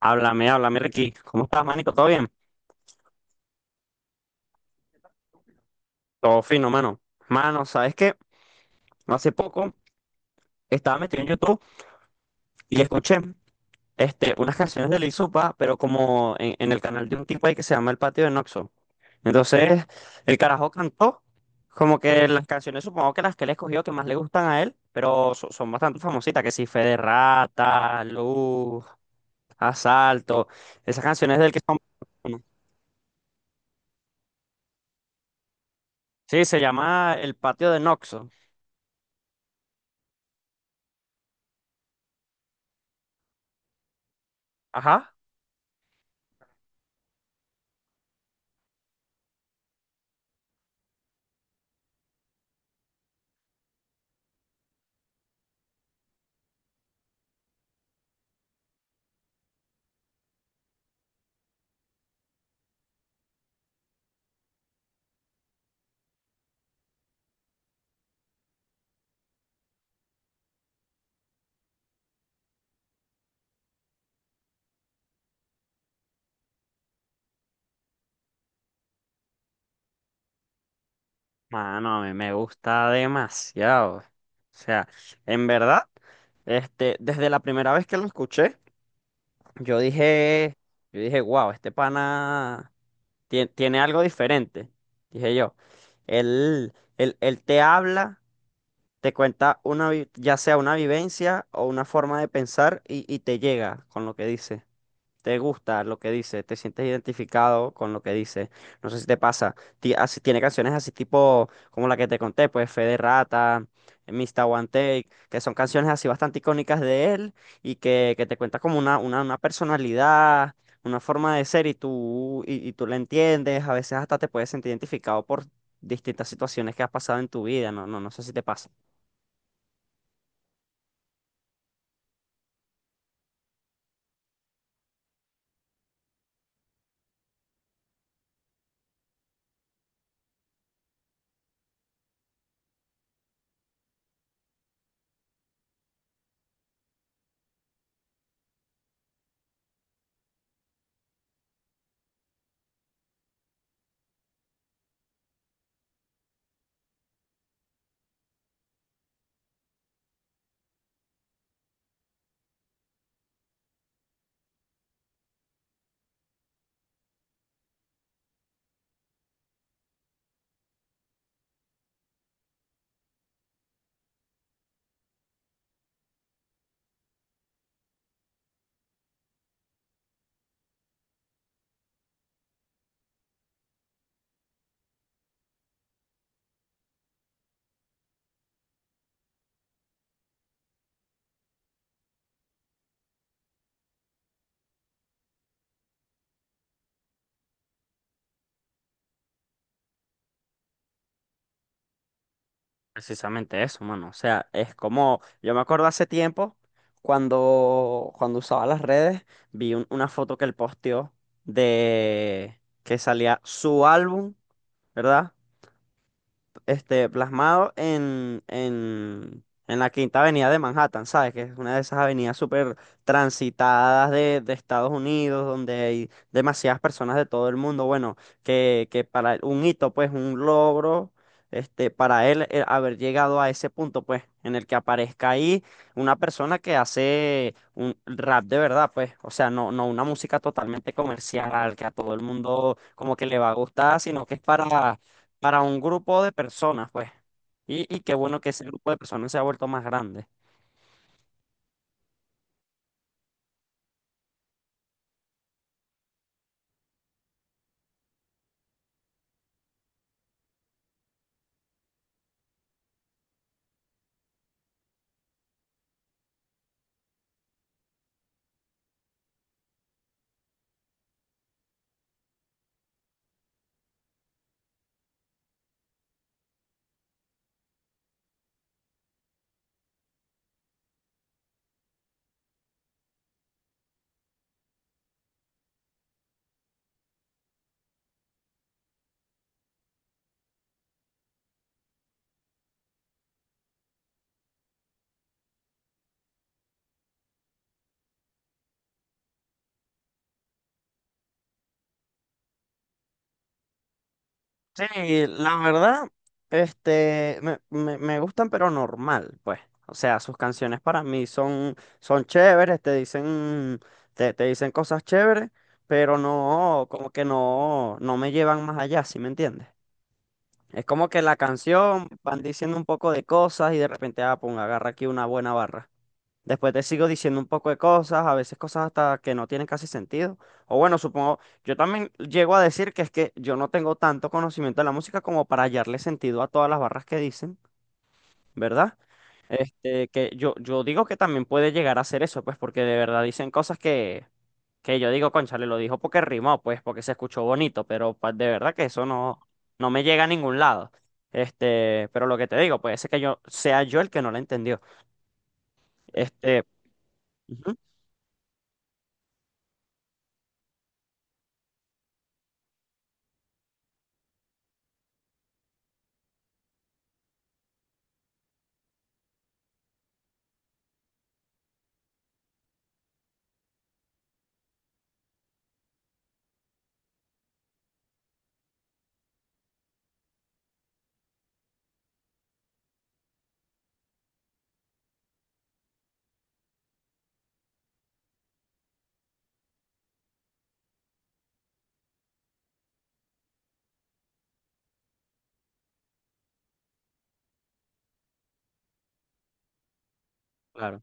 Háblame, háblame, Ricky. ¿Cómo estás, manico? ¿Todo bien? Todo fino, mano. Mano, ¿sabes qué? No, hace poco estaba metido en YouTube y escuché unas canciones de Lil Supa, pero como en el canal de un tipo ahí que se llama El Patio de Noxo. Entonces, el carajo cantó como que las canciones, supongo que las que él escogió que más le gustan a él, pero son bastante famositas, que sí, Fe de Rata, Luz, Asalto, esas canciones del que son... ¿no? Sí, se llama El Patio de Noxo. Ajá. Mano, a mí me gusta demasiado. O sea, en verdad, desde la primera vez que lo escuché, yo dije, yo dije, wow, este pana tiene, algo diferente. Dije yo. Él, él te habla, te cuenta una, ya sea una vivencia o una forma de pensar y te llega con lo que dice. Te gusta lo que dice, te sientes identificado con lo que dice. No sé si te pasa. Tiene canciones así tipo como la que te conté, pues Fe de Rata, Mr. One Take, que son canciones así bastante icónicas de él y que te cuenta como una personalidad, una forma de ser y tú, y tú la entiendes. A veces hasta te puedes sentir identificado por distintas situaciones que has pasado en tu vida. No sé si te pasa. Precisamente eso, mano. O sea, es como, yo me acuerdo hace tiempo, cuando usaba las redes, vi una foto que él posteó de que salía su álbum, ¿verdad? Plasmado en la Quinta Avenida de Manhattan, ¿sabes? Que es una de esas avenidas súper transitadas de Estados Unidos, donde hay demasiadas personas de todo el mundo. Bueno, que para él un hito, pues un logro, para él haber llegado a ese punto, pues, en el que aparezca ahí una persona que hace un rap de verdad, pues, o sea, no, no una música totalmente comercial que a todo el mundo como que le va a gustar, sino que es para un grupo de personas, pues. Y qué bueno que ese grupo de personas se ha vuelto más grande. Sí, la verdad, me gustan, pero normal, pues. O sea, sus canciones para mí son, son chéveres, te dicen, te dicen cosas chéveres, pero no, como que no, no me llevan más allá, ¿sí me entiendes? Es como que la canción van diciendo un poco de cosas y de repente, ah, pum, agarra aquí una buena barra. Después te sigo diciendo un poco de cosas, a veces cosas hasta que no tienen casi sentido. O bueno, supongo, yo también llego a decir que es que yo no tengo tanto conocimiento de la música como para hallarle sentido a todas las barras que dicen, ¿verdad? Yo digo que también puede llegar a ser eso, pues porque de verdad dicen cosas que yo digo, cónchale, lo dijo porque rimó, pues porque se escuchó bonito, pero de verdad que eso no, no me llega a ningún lado. Pero lo que te digo, puede ser que yo sea yo el que no la entendió. Este, Ujú, claro.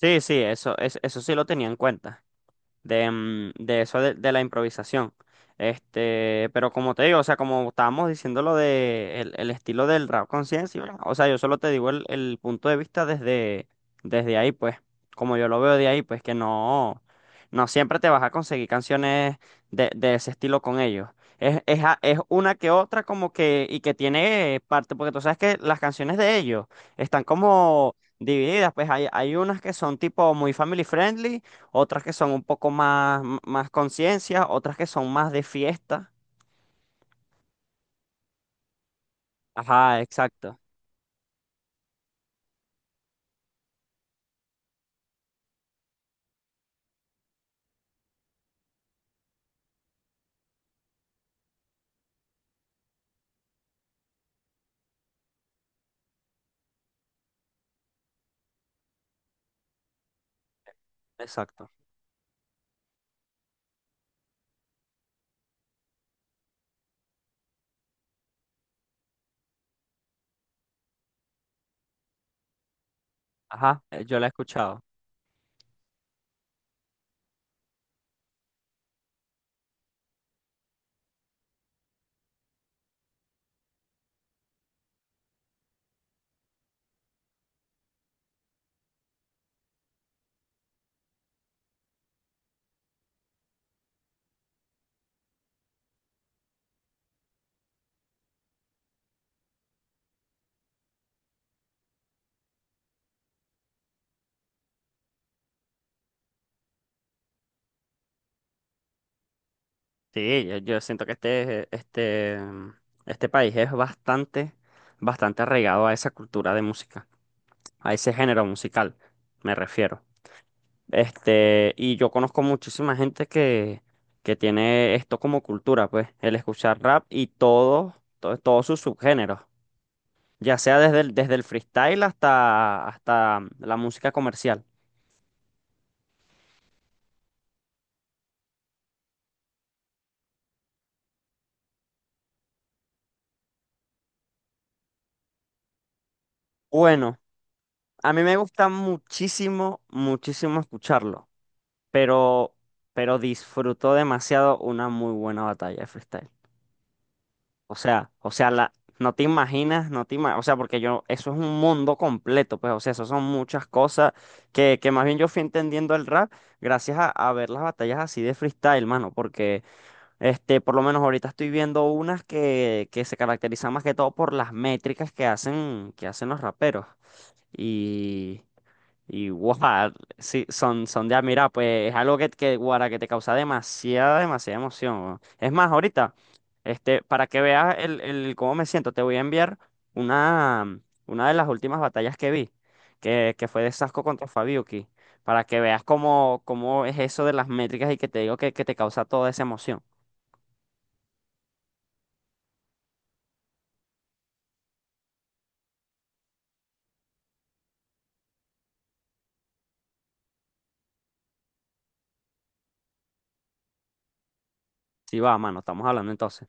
Sí, sí, eso, eso sí lo tenía en cuenta de, de eso de la improvisación. Pero como te digo, o sea, como estábamos diciendo lo de el estilo del rap conciencia, ¿verdad? O sea, yo solo te digo el punto de vista desde ahí, pues, como yo lo veo de ahí, pues que no, no siempre te vas a conseguir canciones de ese estilo con ellos. Es, es una que otra como que, y que tiene parte, porque tú sabes que las canciones de ellos están como divididas, pues hay unas que son tipo muy family friendly, otras que son un poco más, más conciencia, otras que son más de fiesta. Ajá, exacto, exacto. Ajá, yo la he escuchado. Sí, yo siento que este país es bastante, bastante arraigado a esa cultura de música, a ese género musical, me refiero. Y yo conozco muchísima gente que tiene esto como cultura, pues, el escuchar rap y todo, todos sus subgéneros, ya sea desde el freestyle hasta la música comercial. Bueno, a mí me gusta muchísimo escucharlo, pero, pero disfruto demasiado una muy buena batalla de freestyle. La, no te imaginas, o sea, porque yo, eso es un mundo completo, pues, o sea, eso son muchas cosas que más bien yo fui entendiendo el rap gracias a ver las batallas así de freestyle, mano, porque... Por lo menos ahorita estoy viendo unas que se caracterizan más que todo por las métricas que hacen los raperos. Y, y guau, sí, son, son de admirar, pues es algo guara, que te causa demasiada, demasiada emoción, weón. Es más, ahorita, para que veas el cómo me siento, te voy a enviar una, una de las últimas batallas que vi, que fue de Sasco contra Fabiuki, para que veas cómo, cómo es eso de las métricas y que te digo que te causa toda esa emoción. Sí, va, mano, estamos hablando entonces.